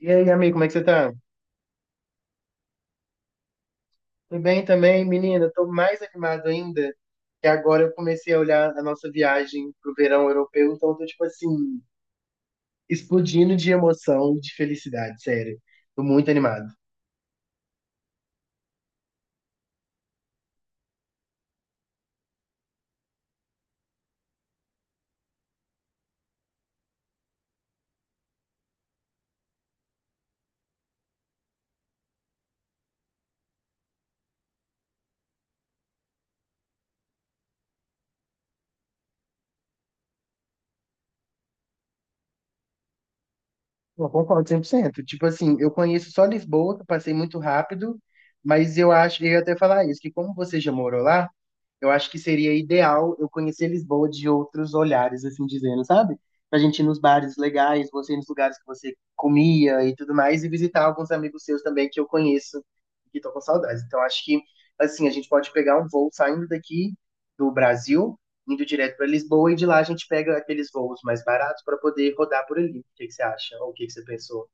E aí, amigo, como é que você tá? Tudo bem também, menina? Tô mais animado ainda, que agora eu comecei a olhar a nossa viagem pro verão europeu, então eu tô, tipo assim, explodindo de emoção e de felicidade, sério. Tô muito animado. Eu concordo 100%. Tipo assim, eu conheço só Lisboa, que eu passei muito rápido, mas eu acho, eu ia até falar isso, que como você já morou lá, eu acho que seria ideal eu conhecer Lisboa de outros olhares, assim dizendo, sabe? Pra gente ir nos bares legais, você ir nos lugares que você comia e tudo mais, e visitar alguns amigos seus também que eu conheço e que tô com saudades. Então, acho que, assim, a gente pode pegar um voo saindo daqui do Brasil, indo direto para Lisboa, e de lá a gente pega aqueles voos mais baratos para poder rodar por ali. O que que você acha? Ou o que que você pensou?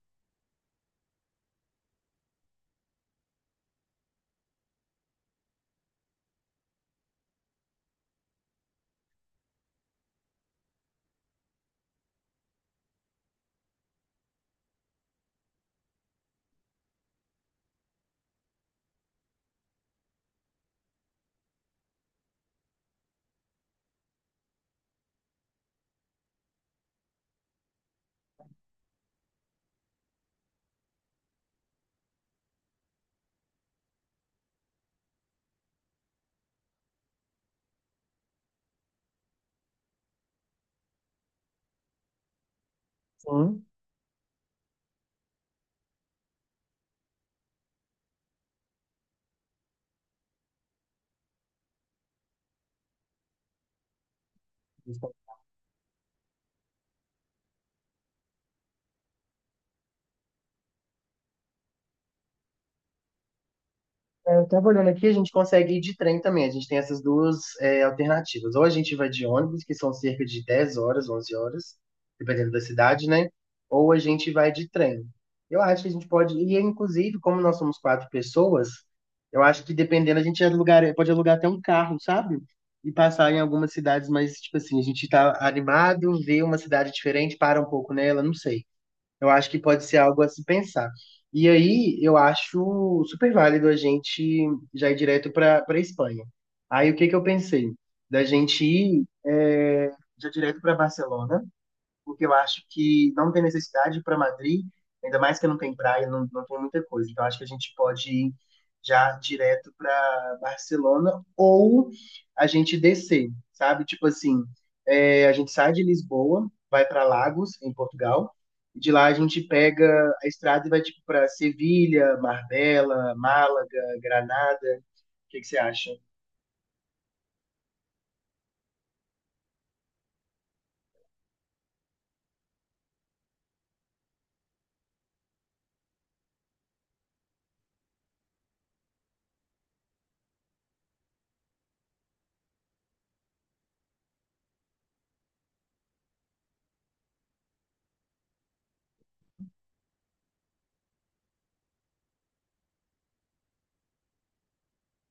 Sim. Eu estava olhando aqui, a gente consegue ir de trem também. A gente tem essas duas alternativas. Ou a gente vai de ônibus, que são cerca de 10 horas, 11 horas, dependendo da cidade, né? Ou a gente vai de trem. Eu acho que a gente pode ir, inclusive, como nós somos 4 pessoas, eu acho que dependendo, a gente alugar, pode alugar até um carro, sabe? E passar em algumas cidades, mas, tipo assim, a gente tá animado, vê uma cidade diferente, para um pouco nela, não sei. Eu acho que pode ser algo a se pensar. E aí, eu acho super válido a gente já ir direto para Espanha. Aí, o que que eu pensei? Da gente ir já direto para Barcelona porque eu acho que não tem necessidade para Madrid, ainda mais que não tem praia, não, não tem muita coisa. Então, acho que a gente pode ir já direto para Barcelona ou a gente descer, sabe? Tipo assim, é, a gente sai de Lisboa, vai para Lagos, em Portugal, e de lá a gente pega a estrada e vai tipo para Sevilha, Marbella, Málaga, Granada. O que que você acha?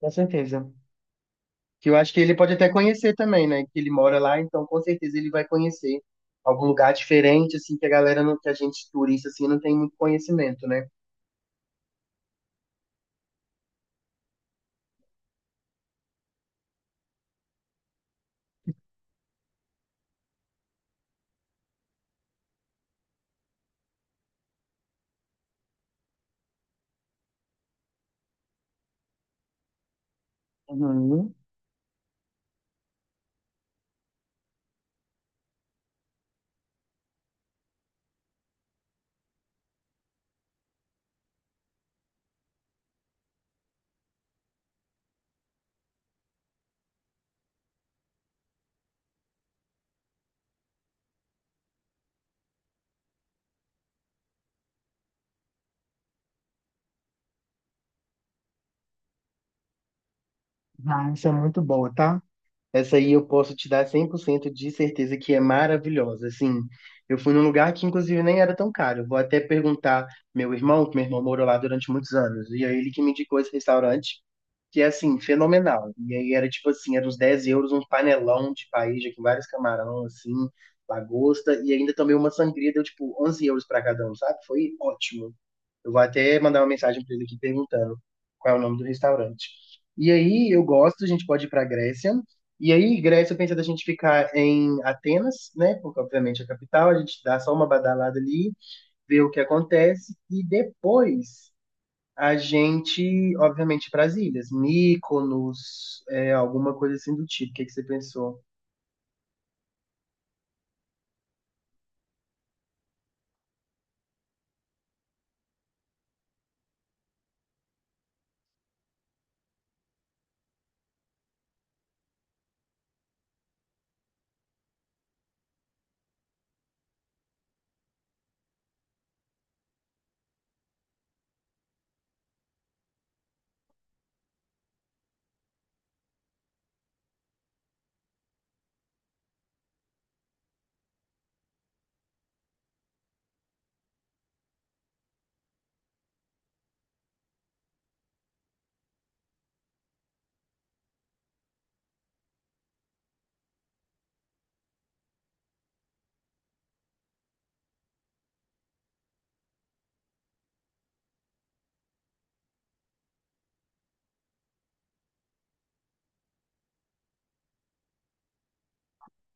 Com certeza. Que eu acho que ele pode até conhecer também, né? Que ele mora lá, então com certeza ele vai conhecer algum lugar diferente, assim, que a galera, não, que a gente turista, assim, não tem muito conhecimento, né? Uhum. Ah, isso é muito boa, tá? Essa aí eu posso te dar 100% de certeza que é maravilhosa. Assim, eu fui num lugar que inclusive nem era tão caro. Eu vou até perguntar meu irmão, que meu irmão morou lá durante muitos anos, e é ele que me indicou esse restaurante, que é assim, fenomenal. E aí era tipo assim, era uns 10 euros, um panelão de paella com vários camarão, assim, lagosta, e ainda tomei uma sangria, deu tipo 11 euros pra cada um, sabe? Foi ótimo. Eu vou até mandar uma mensagem pra ele aqui perguntando qual é o nome do restaurante. E aí, eu gosto, a gente pode ir pra Grécia. E aí, Grécia, eu pensei da gente ficar em Atenas, né? Porque, obviamente, é a capital. A gente dá só uma badalada ali, vê o que acontece. E depois a gente, obviamente, para as ilhas. Mykonos, é, alguma coisa assim do tipo. O que que você pensou?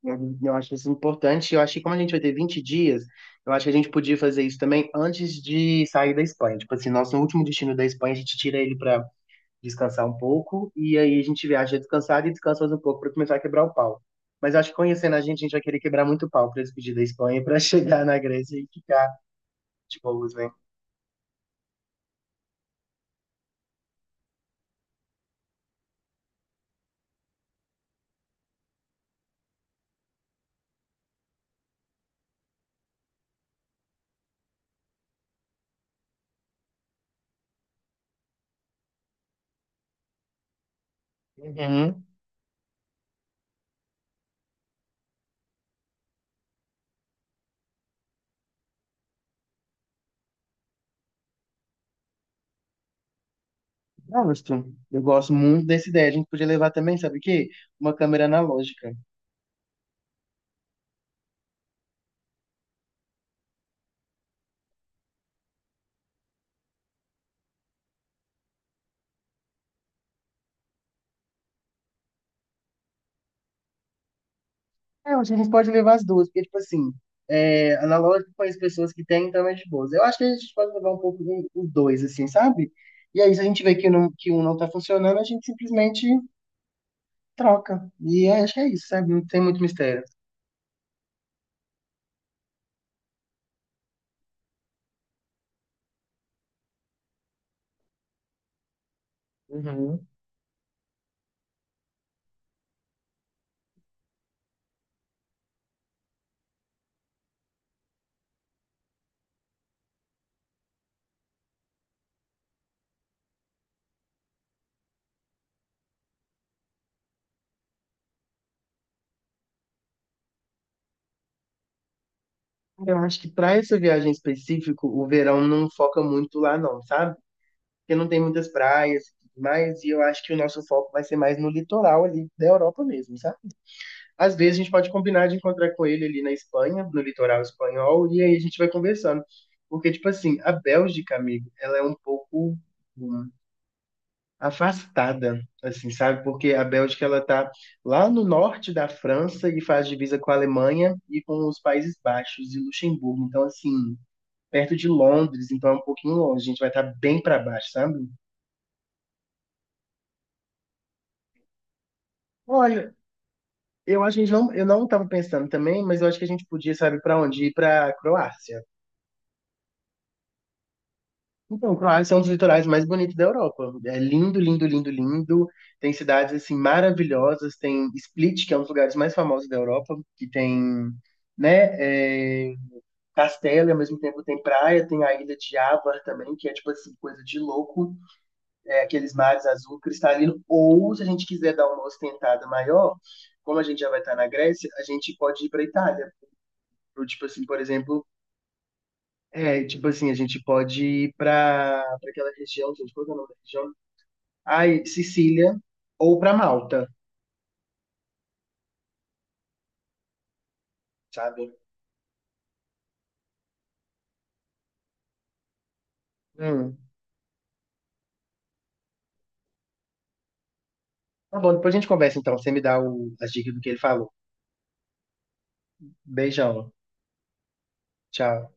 Eu acho isso importante. Eu acho que como a gente vai ter 20 dias, eu acho que a gente podia fazer isso também antes de sair da Espanha. Tipo assim, nosso último destino da Espanha, a gente tira ele para descansar um pouco, e aí a gente viaja descansado e descansa mais um pouco para começar a quebrar o pau. Mas eu acho que conhecendo a gente vai querer quebrar muito pau para despedir da Espanha, para chegar na Grécia e ficar de boas, né? Uhum. Gosto. Eu gosto muito dessa ideia. A gente podia levar também, sabe o quê? Uma câmera analógica. É, eu acho que a gente pode levar as duas, porque, tipo assim, é, analógico com as pessoas que têm, então é de boas. Eu acho que a gente pode levar um pouco de- os dois, assim, sabe? E aí, se a gente vê que, não, que um não tá funcionando, a gente simplesmente troca. E acho que é isso, sabe? Não tem muito mistério. Uhum. Eu acho que para essa viagem específico, o verão não foca muito lá, não, sabe? Porque não tem muitas praias e tudo mais, e eu acho que o nosso foco vai ser mais no litoral ali da Europa mesmo, sabe? Às vezes a gente pode combinar de encontrar com ele ali na Espanha, no litoral espanhol, e aí a gente vai conversando. Porque, tipo assim, a Bélgica, amigo, ela é um pouco. hum, afastada, assim, sabe? Porque a Bélgica ela tá lá no norte da França e faz divisa com a Alemanha e com os Países Baixos e Luxemburgo. Então, assim, perto de Londres, então é um pouquinho longe. A gente vai estar bem para baixo, sabe? Olha, eu acho que a gente não, eu não estava pensando também, mas eu acho que a gente podia, sabe, para onde? Ir para Croácia. Então, Croácia é um dos litorais mais bonitos da Europa. É lindo, lindo, lindo, lindo. Tem cidades assim maravilhosas. Tem Split, que é um dos lugares mais famosos da Europa, que tem, né, é, castelo, e ao mesmo tempo tem praia, tem a ilha de Ávar também, que é tipo assim coisa de louco, é, aqueles mares azul cristalino. Ou se a gente quiser dar uma ostentada maior, como a gente já vai estar na Grécia, a gente pode ir para Itália. Ou, tipo assim, por exemplo, é, tipo assim, a gente pode ir para aquela região, gente, qual que é o nome da região? Aí, Sicília ou para Malta, sabe? Hum. Tá bom, depois a gente conversa então. Você me dá o- as dicas do que ele falou. Beijão. Tchau.